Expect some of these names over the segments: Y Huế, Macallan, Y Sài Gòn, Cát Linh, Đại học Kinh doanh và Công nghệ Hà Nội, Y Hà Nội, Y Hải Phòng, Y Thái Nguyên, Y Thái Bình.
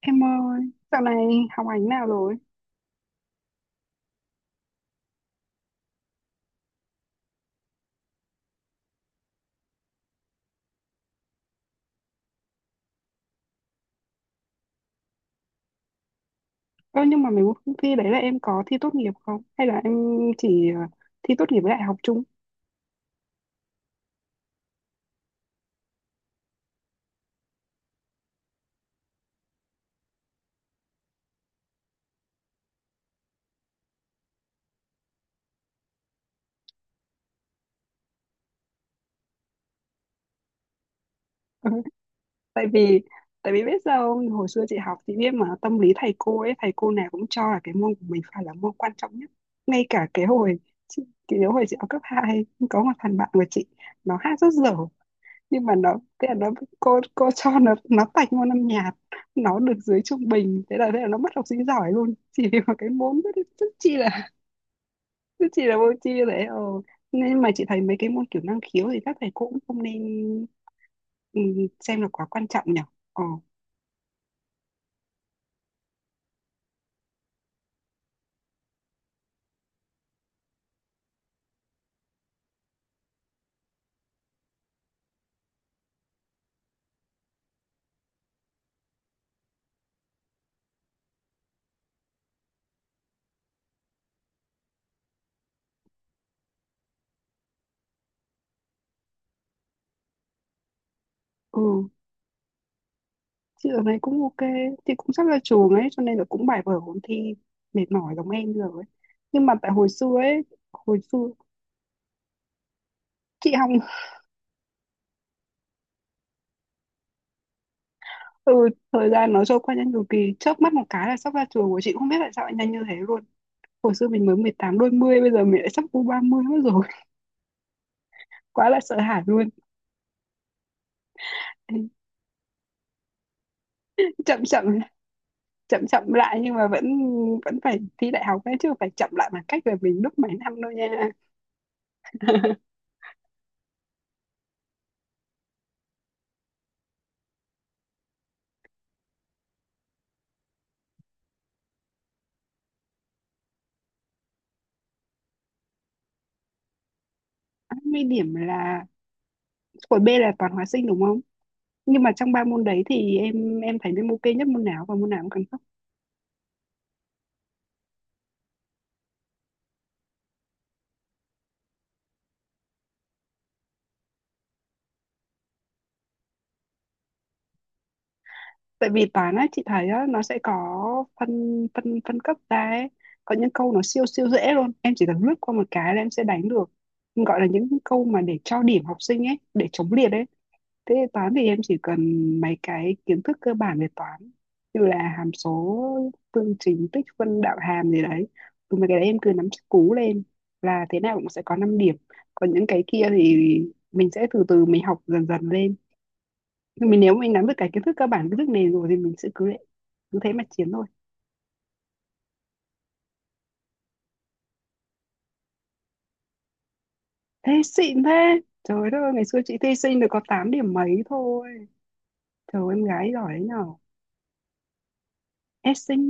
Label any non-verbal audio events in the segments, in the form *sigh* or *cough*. Em ơi, dạo này học hành nào rồi? Ơ nhưng mà mấy cuộc thi đấy là em có thi tốt nghiệp không? Hay là em chỉ thi tốt nghiệp với đại học chung? *laughs* Ừ, tại vì tại vì biết sao không? Hồi xưa chị học chị biết mà tâm lý thầy cô ấy, thầy cô nào cũng cho là cái môn của mình phải là môn quan trọng nhất. Ngay cả cái hồi chị, chị nhớ hồi chị học cấp 2 có một thằng bạn của chị nó hát rất dở nhưng mà nó thế là nó cô cho nó tạch môn âm nhạc, nó được dưới trung bình, thế là nó mất học sinh giỏi luôn chỉ vì một cái môn rất rất chi là. Chứ chị là vô tri đấy. Ờ nên mà chị thấy mấy cái môn kiểu năng khiếu thì các thầy cô cũng không nên, ừ, xem là quá quan trọng nhỉ. Ờ, ừ, chị ở đây cũng ok, chị cũng sắp ra trường ấy cho nên là cũng bài vở ôn thi mệt mỏi giống em rồi ấy. Nhưng mà tại hồi xưa ấy, hồi xưa chị học. *laughs* Ừ, thời gian nó trôi qua nhanh cực kỳ, chớp mắt một cái là sắp ra trường của chị, không biết tại sao lại nhanh như thế luôn. Hồi xưa mình mới mười tám đôi mươi, bây giờ mình lại sắp u 30 mất rồi. *laughs* Quá là sợ hãi luôn. Chậm chậm chậm chậm lại nhưng mà vẫn, vẫn phải thi đại học ấy chứ, phải chậm lại bằng cách về mình lúc mấy năm đâu nha. 80 điểm là, khối B là toàn hóa sinh đúng không, nhưng mà trong ba môn đấy thì em thấy em ok nhất môn nào và môn nào cũng cần cấp. Tại vì toán á, chị thấy á nó sẽ có phân phân phân cấp ra ấy, có những câu nó siêu siêu dễ luôn, em chỉ cần lướt qua một cái là em sẽ đánh được, gọi là những câu mà để cho điểm học sinh ấy, để chống liệt ấy. Thế toán thì em chỉ cần mấy cái kiến thức cơ bản về toán, như là hàm số, phương trình, tích phân, đạo hàm gì đấy. Ừ, mấy cái đấy em cứ nắm chắc cú lên là thế nào cũng sẽ có 5 điểm. Còn những cái kia thì mình sẽ từ từ mình học dần dần lên. Nhưng mình nếu mình nắm được cái kiến thức cơ bản, kiến thức nền rồi thì mình sẽ cứ thế mà chiến thôi. Thế xịn thế. Trời đất ơi, ngày xưa chị thi sinh được có 8 điểm mấy thôi. Trời ơi, em gái giỏi đấy nhở. Ép sinh,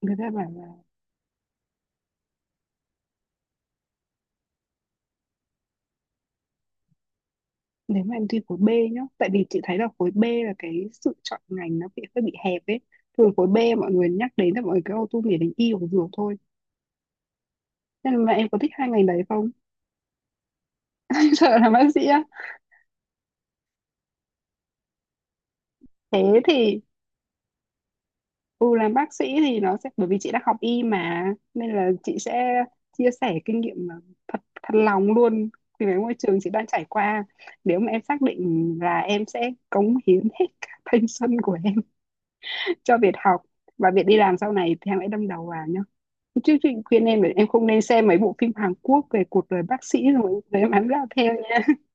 người ta bảo là, nếu mà em thi khối B nhá, tại vì chị thấy là khối B là cái sự chọn ngành nó bị hơi bị hẹp ấy, thường khối B mọi người nhắc đến là mọi người cứ auto nghĩ đến y hoặc dược thôi, nên là em có thích hai ngành đấy không? *laughs* Sợ làm bác sĩ á? Thế thì, ừ, làm bác sĩ thì nó sẽ, bởi vì chị đã học y mà, nên là chị sẽ chia sẻ kinh nghiệm mà, thật thật lòng luôn, vì cái môi trường chị đang trải qua. Nếu mà em xác định là em sẽ cống hiến hết cả thanh xuân của em *laughs* cho việc học và việc đi làm sau này thì em hãy đâm đầu vào nhá. Chứ chị khuyên em là em không nên xem mấy bộ phim Hàn Quốc về cuộc đời bác sĩ rồi rồi em bám đạo theo nha. *laughs*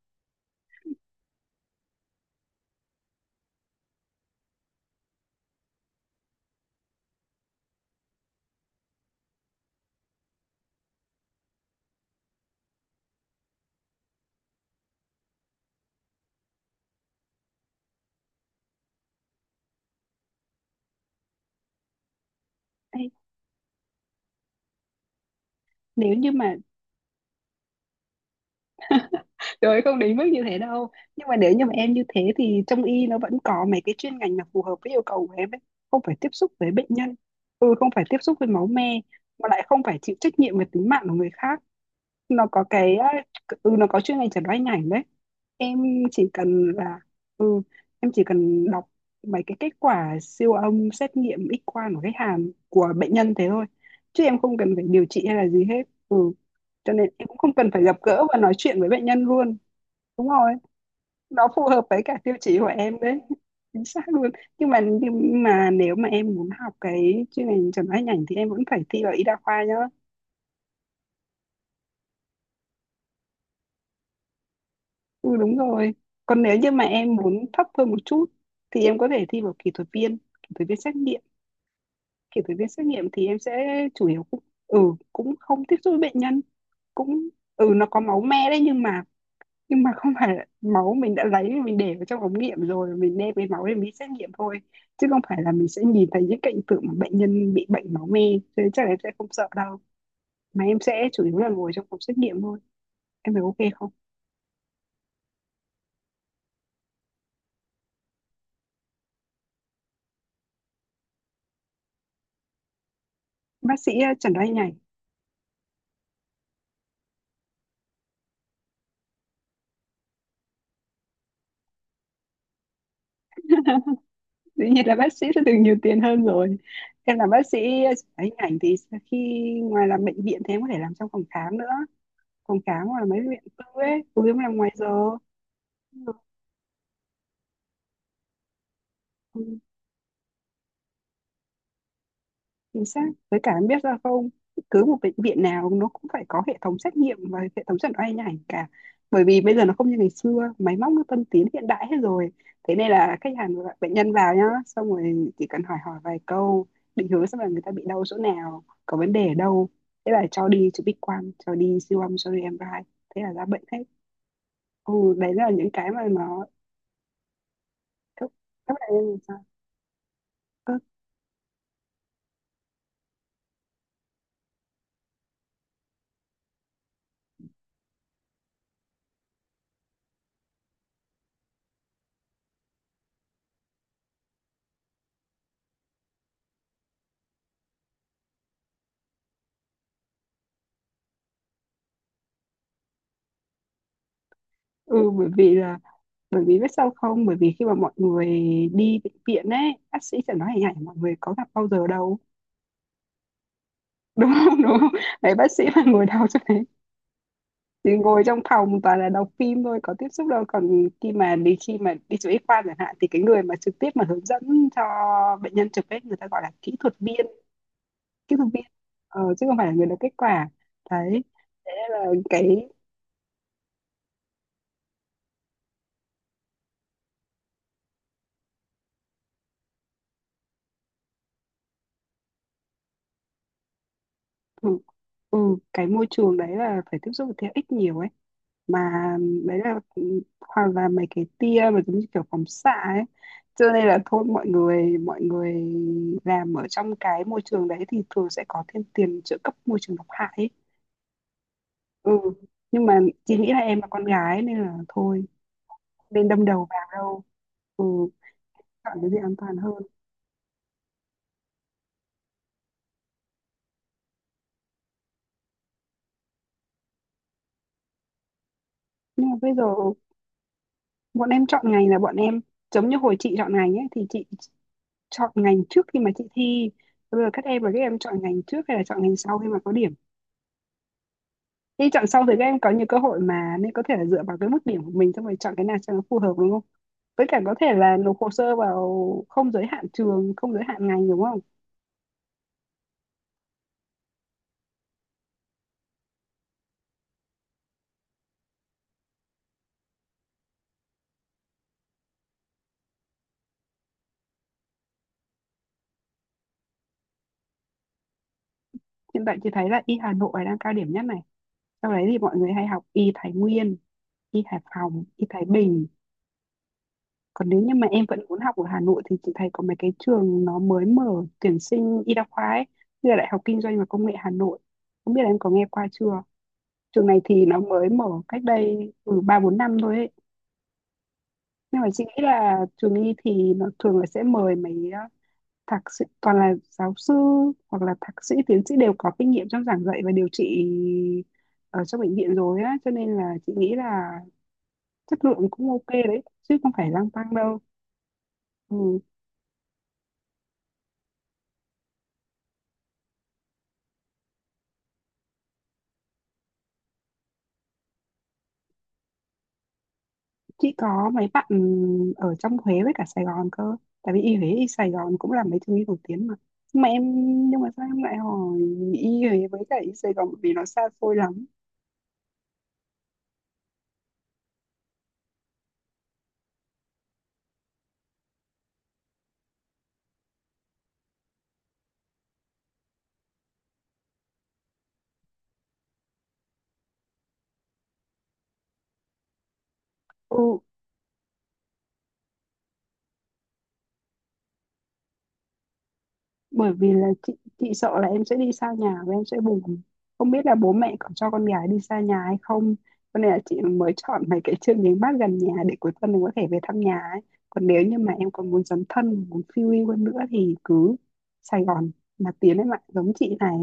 Ê, nếu như mà, rồi không đến mức như thế đâu. Nhưng mà nếu như mà em như thế thì trong y nó vẫn có mấy cái chuyên ngành mà phù hợp với yêu cầu của em ấy. Không phải tiếp xúc với bệnh nhân, ừ, không phải tiếp xúc với máu me, mà lại không phải chịu trách nhiệm về tính mạng của người khác. Nó có cái, nó có chuyên ngành chẩn đoán hình ảnh đấy. Em chỉ cần là, ừ, em chỉ cần đọc mấy cái kết quả siêu âm, xét nghiệm, X quang của khách hàng, của bệnh nhân thế thôi, chứ em không cần phải điều trị hay là gì hết. Ừ, cho nên em cũng không cần phải gặp gỡ và nói chuyện với bệnh nhân luôn. Đúng rồi, nó phù hợp với cả tiêu chí của em đấy. *laughs* Chính xác luôn. Nhưng mà nếu mà em muốn học cái chuyên ngành chẩn đoán hình ảnh thì em vẫn phải thi vào y đa khoa nhá. Ừ đúng rồi. Còn nếu như mà em muốn thấp hơn một chút thì em có thể thi vào kỹ thuật viên xét nghiệm. Kỹ thuật viên xét nghiệm thì em sẽ chủ yếu cũng, ừ, cũng không tiếp xúc với bệnh nhân, cũng, ừ, nó có máu me đấy, nhưng mà, nhưng mà không phải là máu, mình đã lấy mình để vào trong ống nghiệm rồi mình đem cái máu để mình xét nghiệm thôi, chứ không phải là mình sẽ nhìn thấy những cảnh tượng mà bệnh nhân bị bệnh máu me, cho nên chắc là em sẽ không sợ đâu, mà em sẽ chủ yếu là ngồi trong phòng xét nghiệm thôi. Em thấy ok không? Bác sĩ, chẩn đoán hình ảnh. Dĩ nhiên là bác sĩ sẽ được nhiều tiền hơn rồi. Em làm bác sĩ chụp máy hình ảnh thì khi ngoài làm bệnh viện thì em có thể làm trong phòng khám nữa, phòng khám hoặc là mấy bệnh tư ấy cũng làm ngoài giờ. Chính xác, với cả em biết ra không, cứ một bệnh viện nào nó cũng phải có hệ thống xét nghiệm và hệ thống chẩn đoán hình ảnh cả, bởi vì bây giờ nó không như ngày xưa, máy móc nó tân tiến hiện đại hết rồi. Thế nên là khách hàng, gọi bệnh nhân vào nhá, xong rồi chỉ cần hỏi hỏi vài câu, định hướng xem là người ta bị đau chỗ nào, có vấn đề ở đâu, thế là cho đi chụp X quang, cho đi siêu âm, cho đi MRI, thế là ra bệnh hết. Ừ đấy là những cái mà nó, các các bạn em làm sao. Ừ, ừ, bởi vì là, bởi vì biết sao không, bởi vì khi mà mọi người đi bệnh viện ấy, bác sĩ chẳng nói hình ảnh mọi người có gặp bao giờ đâu, đúng không? *laughs* Đúng không? Đấy, bác sĩ mà ngồi đâu cho đấy, thì ngồi trong phòng toàn là đọc phim thôi, có tiếp xúc đâu. Còn khi mà đi, khi mà đi chụp X-quang chẳng hạn thì cái người mà trực tiếp mà hướng dẫn cho bệnh nhân chụp ấy, người ta gọi là kỹ thuật viên, kỹ thuật viên, chứ không phải là người đọc kết quả. Đấy, thế nên là cái, ừ, ừ, cái môi trường đấy là phải tiếp xúc với thế ích nhiều ấy, mà đấy là hoặc là mấy cái tia mà giống như kiểu phóng xạ ấy. Cho nên là thôi, mọi người làm ở trong cái môi trường đấy thì thường sẽ có thêm tiền trợ cấp môi trường độc hại ấy. Ừ, nhưng mà chị nghĩ là em là con gái nên là thôi, nên đâm đầu vào đâu, ừ, chọn cái gì an toàn hơn. Nhưng mà bây giờ bọn em giống như hồi chị chọn ngành ấy thì chị chọn ngành trước khi mà chị thi, bây giờ các em là các em chọn ngành trước hay là chọn ngành sau khi mà có điểm? Khi chọn xong thì các em có nhiều cơ hội mà, nên có thể là dựa vào cái mức điểm của mình xong rồi chọn cái nào cho nó phù hợp đúng không? Với cả có thể là nộp hồ sơ vào không giới hạn trường, không giới hạn ngành đúng không? Hiện tại chị thấy là Y Hà Nội đang cao điểm nhất này. Sau đấy thì mọi người hay học Y Thái Nguyên, Y Hải Phòng, Y Thái Bình. Còn nếu như mà em vẫn muốn học ở Hà Nội thì chị thấy có mấy cái trường nó mới mở tuyển sinh y đa khoa ấy, như là Đại học Kinh doanh và Công nghệ Hà Nội. Không biết là em có nghe qua chưa? Trường này thì nó mới mở cách đây từ 3 4 năm thôi ấy. Nhưng mà chị nghĩ là trường y thì nó thường là sẽ mời mấy, thạc sĩ toàn là giáo sư hoặc là thạc sĩ tiến sĩ, đều có kinh nghiệm trong giảng dạy và điều trị ở trong bệnh viện rồi á, cho nên là chị nghĩ là chất lượng cũng ok đấy, chứ không phải lăng tăng đâu. Ừ. Chị có mấy bạn ở trong Huế với cả Sài Gòn cơ, tại vì y Huế y Sài Gòn cũng là mấy trường y nổi tiếng mà. Mà em, nhưng mà sao em lại hỏi y Huế với cả y Sài Gòn, bởi vì nó xa xôi lắm. Ừ bởi vì là chị sợ là em sẽ đi xa nhà và em sẽ buồn, không biết là bố mẹ có cho con gái đi xa nhà hay không, cho nên là chị mới chọn mấy cái chương trình mát gần nhà để cuối tuần mình có thể về thăm nhà ấy. Còn nếu như mà em còn muốn dấn thân muốn phiêu lưu hơn nữa thì cứ Sài Gòn mà Tiến, em ạ, giống chị này,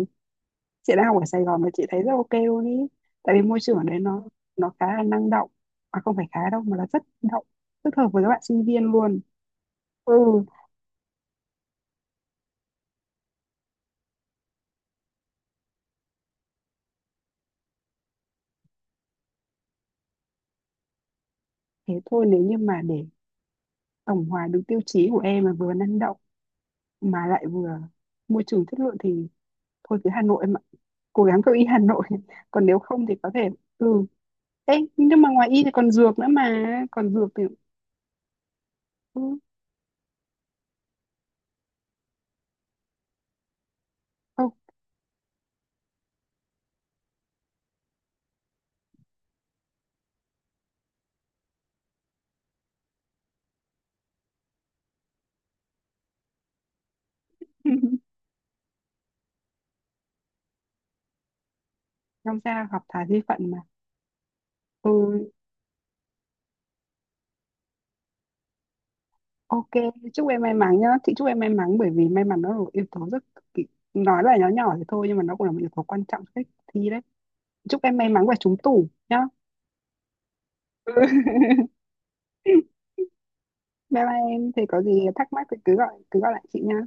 chị đang học ở Sài Gòn mà chị thấy rất ok luôn ý, tại vì môi trường ở đấy nó khá là năng động, mà không phải khá đâu, mà là rất động, rất hợp với các bạn sinh viên luôn. Ừ, thế thôi nếu như mà để tổng hòa đúng tiêu chí của em, mà vừa năng động mà lại vừa môi trường chất lượng thì thôi cứ Hà Nội em ạ, cố gắng cậu y Hà Nội. *laughs* Còn nếu không thì có thể, ừ. Ê, nhưng mà ngoài y thì còn dược nữa mà, còn dược thì, ừ, không. *laughs* Tham gia gặp thà di *laughs* phận mà. Ừ, ok, chúc em may mắn nhá, chị chúc em may mắn, bởi vì may mắn nó là một yếu tố rất cực kỳ, nói là nhỏ nhỏ thì thôi nhưng mà nó cũng là một yếu tố quan trọng cho cách thi đấy. Chúc em may mắn và trúng tủ nhá. *laughs* Bye bye em, thì có gì thắc mắc thì cứ gọi, cứ gọi lại chị nha.